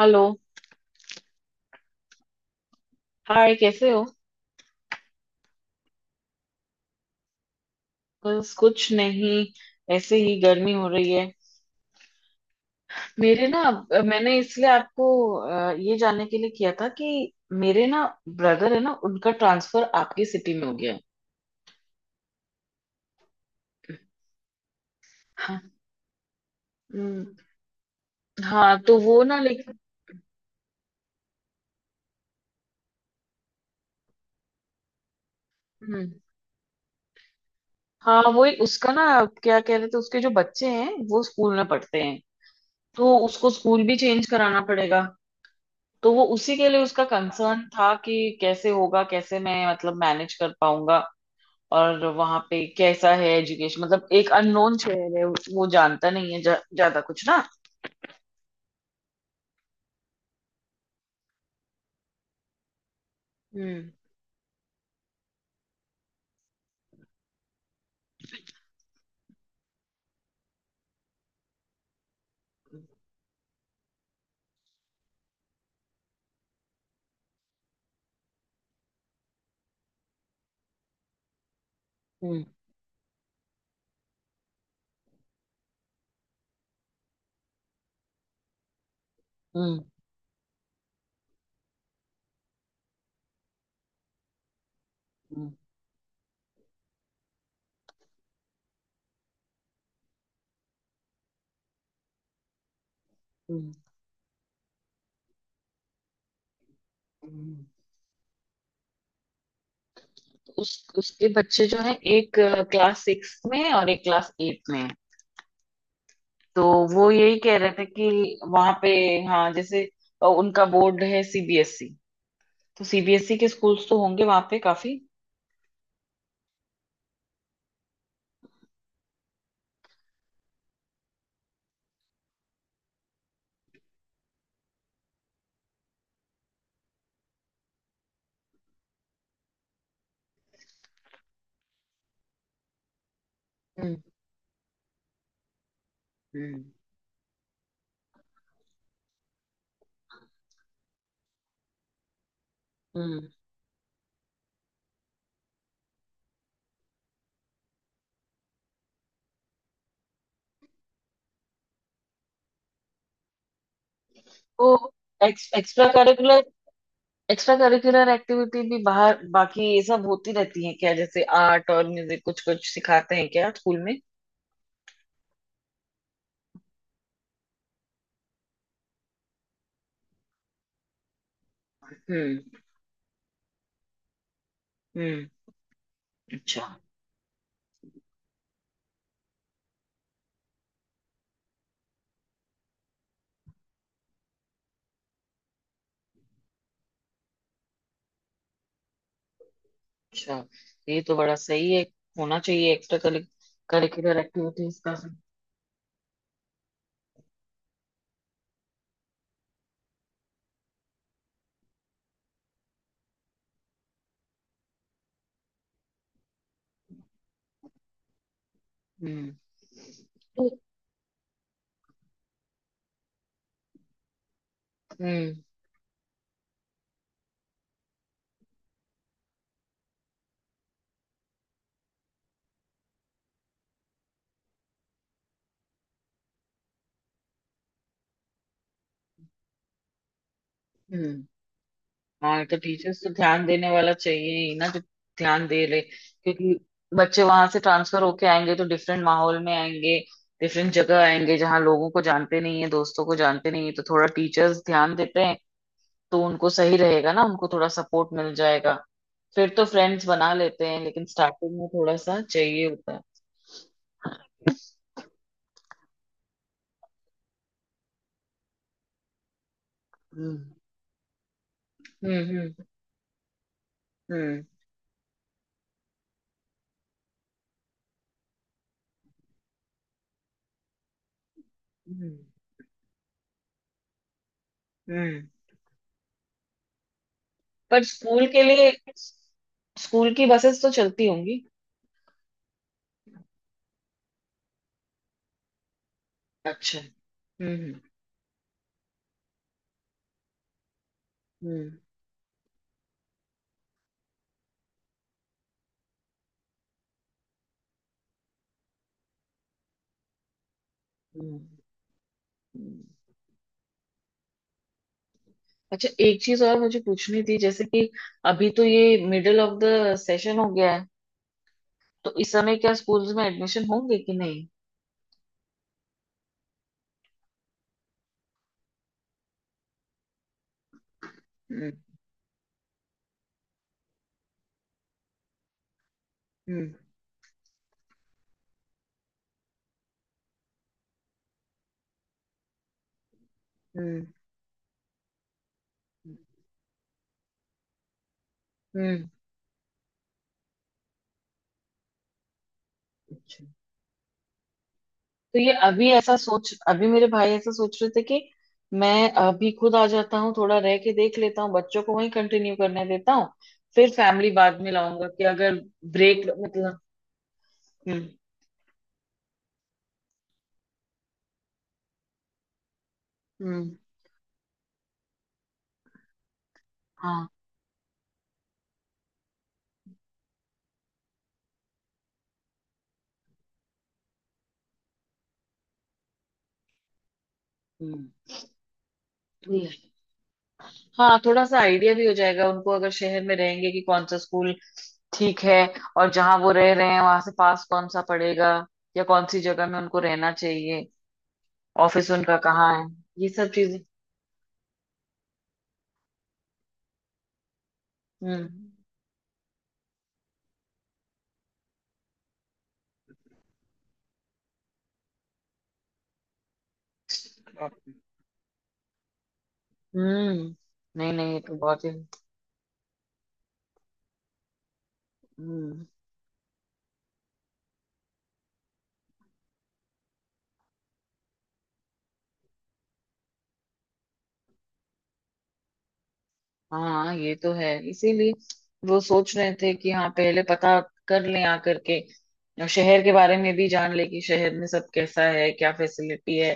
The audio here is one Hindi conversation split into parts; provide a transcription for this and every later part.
हेलो। हाय, कैसे हो? बस कुछ नहीं। ऐसे ही गर्मी हो रही है। मेरे ना, मैंने इसलिए आपको ये जानने के लिए किया था कि मेरे ना ब्रदर है ना, उनका ट्रांसफर आपकी सिटी में हो गया है। हाँ। हम्म। हाँ, तो वो ना लेकिन। हम्म। हाँ, वो उसका ना, क्या कह रहे थे, उसके जो बच्चे हैं वो स्कूल में पढ़ते हैं, तो उसको स्कूल भी चेंज कराना पड़ेगा। तो वो उसी के लिए, उसका कंसर्न था कि कैसे होगा, कैसे मैं मतलब मैनेज कर पाऊंगा। और वहां पे कैसा है एजुकेशन, मतलब एक अननोन शहर है, वो जानता नहीं है ज्यादा कुछ ना। हम्म। हम्म। हम्म। हम्म। हम्म। हम्म। उस उसके बच्चे जो हैं, एक क्लास 6 में है और एक क्लास 8 में है। तो वो यही कह रहे थे कि वहां पे हाँ, जैसे उनका बोर्ड है सीबीएसई। तो सीबीएसई के स्कूल्स तो होंगे वहां पे काफी। हम्म। हम्म। हम्म। तो एक्स, extra curricular extra curricular activity भी बाहर, बाकी ये सब होती रहती है क्या? जैसे आर्ट और म्यूजिक कुछ कुछ सिखाते हैं क्या स्कूल में? हम्म। हम्म। अच्छा। अच्छा, ये तो बड़ा सही है, होना चाहिए एक्स्ट्रा करिकुलर एक्टिविटीज का। हम्म। हम्म। हम्म। हाँ, तो टीचर्स तो ध्यान देने वाला चाहिए ही ना, जो ध्यान दे ले, क्योंकि बच्चे वहां से ट्रांसफर होके आएंगे तो डिफरेंट माहौल में आएंगे। डिफरेंट जगह आएंगे, जहाँ लोगों को जानते नहीं है, दोस्तों को जानते नहीं है, तो थोड़ा टीचर्स ध्यान देते हैं तो उनको सही रहेगा ना, उनको थोड़ा सपोर्ट मिल जाएगा। फिर तो फ्रेंड्स बना लेते हैं, लेकिन स्टार्टिंग में थोड़ा सा चाहिए होता है। हम्म। हम्म। हम्म। हम्म। हम्म। पर स्कूल के लिए, स्कूल की बसेस तो चलती होंगी। अच्छा। हम्म। हम्म। हम्म। हम्म। अच्छा, एक चीज और मुझे पूछनी थी, जैसे कि अभी तो ये मिडिल ऑफ द सेशन हो गया है, तो इस समय क्या स्कूल्स में एडमिशन होंगे कि नहीं? हम्म। हम्म। हम्म। हम्म। अच्छा, तो ये अभी ऐसा सोच, अभी मेरे भाई ऐसा सोच रहे थे कि मैं अभी खुद आ जाता हूँ, थोड़ा रह के देख लेता हूँ, बच्चों को वहीं कंटिन्यू करने देता हूँ, फिर फैमिली बाद में लाऊंगा कि अगर ब्रेक मतलब। हम्म। हम्म। हाँ। हम्म। हाँ, थोड़ा सा आइडिया भी हो जाएगा उनको अगर शहर में रहेंगे, कि कौन सा स्कूल ठीक है, और जहाँ वो रह रहे हैं वहां से पास कौन सा पड़ेगा, या कौन सी जगह में उनको रहना चाहिए, ऑफिस उनका कहाँ है, ये सब चीजें। हम्म। हाँ। हम्म। नहीं नहीं, ये तो बहुत ही। हम्म। हाँ, ये तो है, इसीलिए वो सोच रहे थे कि हाँ, पहले पता कर लें आकर के, और शहर के बारे में भी जान ले कि शहर में सब कैसा है, क्या फैसिलिटी है,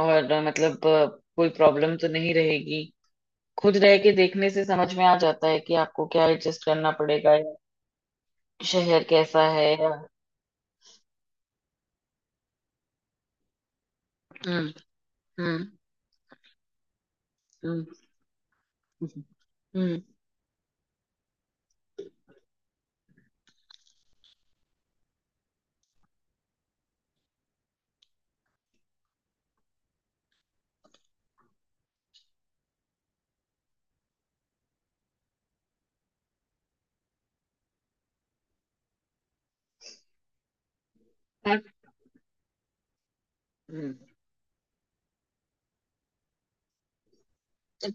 और मतलब कोई प्रॉब्लम तो नहीं रहेगी। खुद रह के देखने से समझ में आ जाता है कि आपको क्या एडजस्ट करना पड़ेगा, या शहर कैसा है। हम्म। हम्म। हम्म। हम्म। हम्म।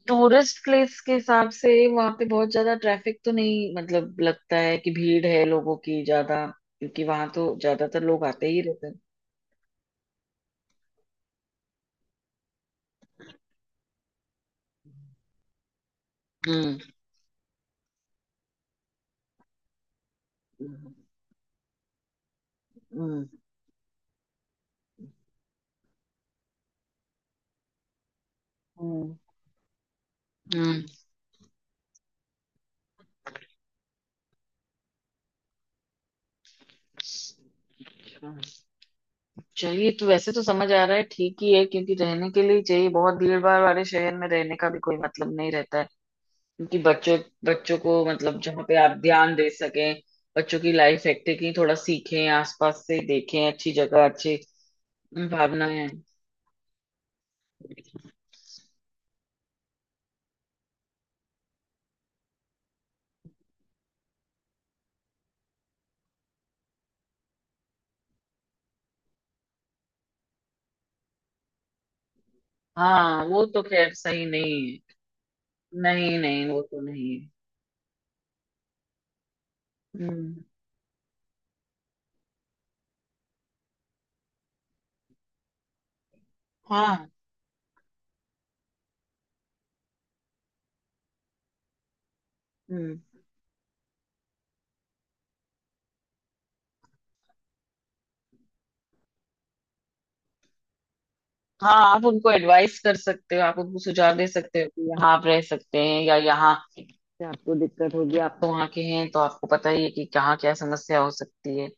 टूरिस्ट प्लेस के हिसाब से वहां पे बहुत ज्यादा ट्रैफिक तो नहीं, मतलब लगता है कि भीड़ है लोगों की ज्यादा, क्योंकि वहां तो ज्यादातर लोग आते ही रहते हैं। हम्म। हम्म। हम्म। हम्म। अच्छा। चलिए, तो वैसे तो समझ आ रहा है, ठीक ही है, क्योंकि रहने के लिए ही चाहिए, बहुत भीड़ भाड़ वाले शहर में रहने का भी कोई मतलब नहीं रहता है, क्योंकि बच्चों बच्चों को मतलब जहाँ पे आप ध्यान दे सकें, बच्चों की लाइफ एक्टिविटी थोड़ा सीखें, आसपास से देखें, अच्छी जगह, अच्छी भावनाएं। हाँ, वो तो खैर सही नहीं है। नहीं नहीं, वो तो नहीं है। हम्म। हाँ। हम्म। हाँ, आप उनको एडवाइस कर सकते हो, आप उनको सुझाव दे सकते हो कि यहाँ आप रह सकते हैं या यहाँ से आपको दिक्कत होगी, आप तो वहाँ के हैं तो आपको पता ही है कि कहाँ क्या समस्या हो सकती है।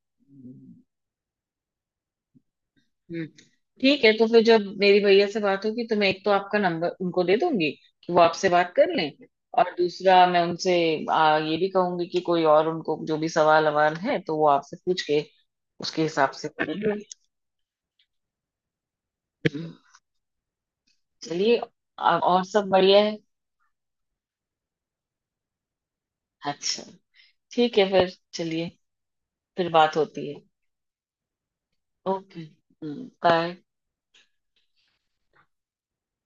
हम्म। ठीक है, तो फिर जब मेरी भैया से बात होगी तो मैं एक तो आपका नंबर उनको दे दूंगी कि वो आपसे बात कर लें, और दूसरा मैं उनसे ये भी कहूंगी कि कोई और उनको जो भी सवाल ववाल है तो वो आपसे पूछ के उसके हिसाब से करेंगे। चलिए, अब और सब बढ़िया है। अच्छा। ठीक है फिर। चलिए, फिर बात होती है। ओके। बाय।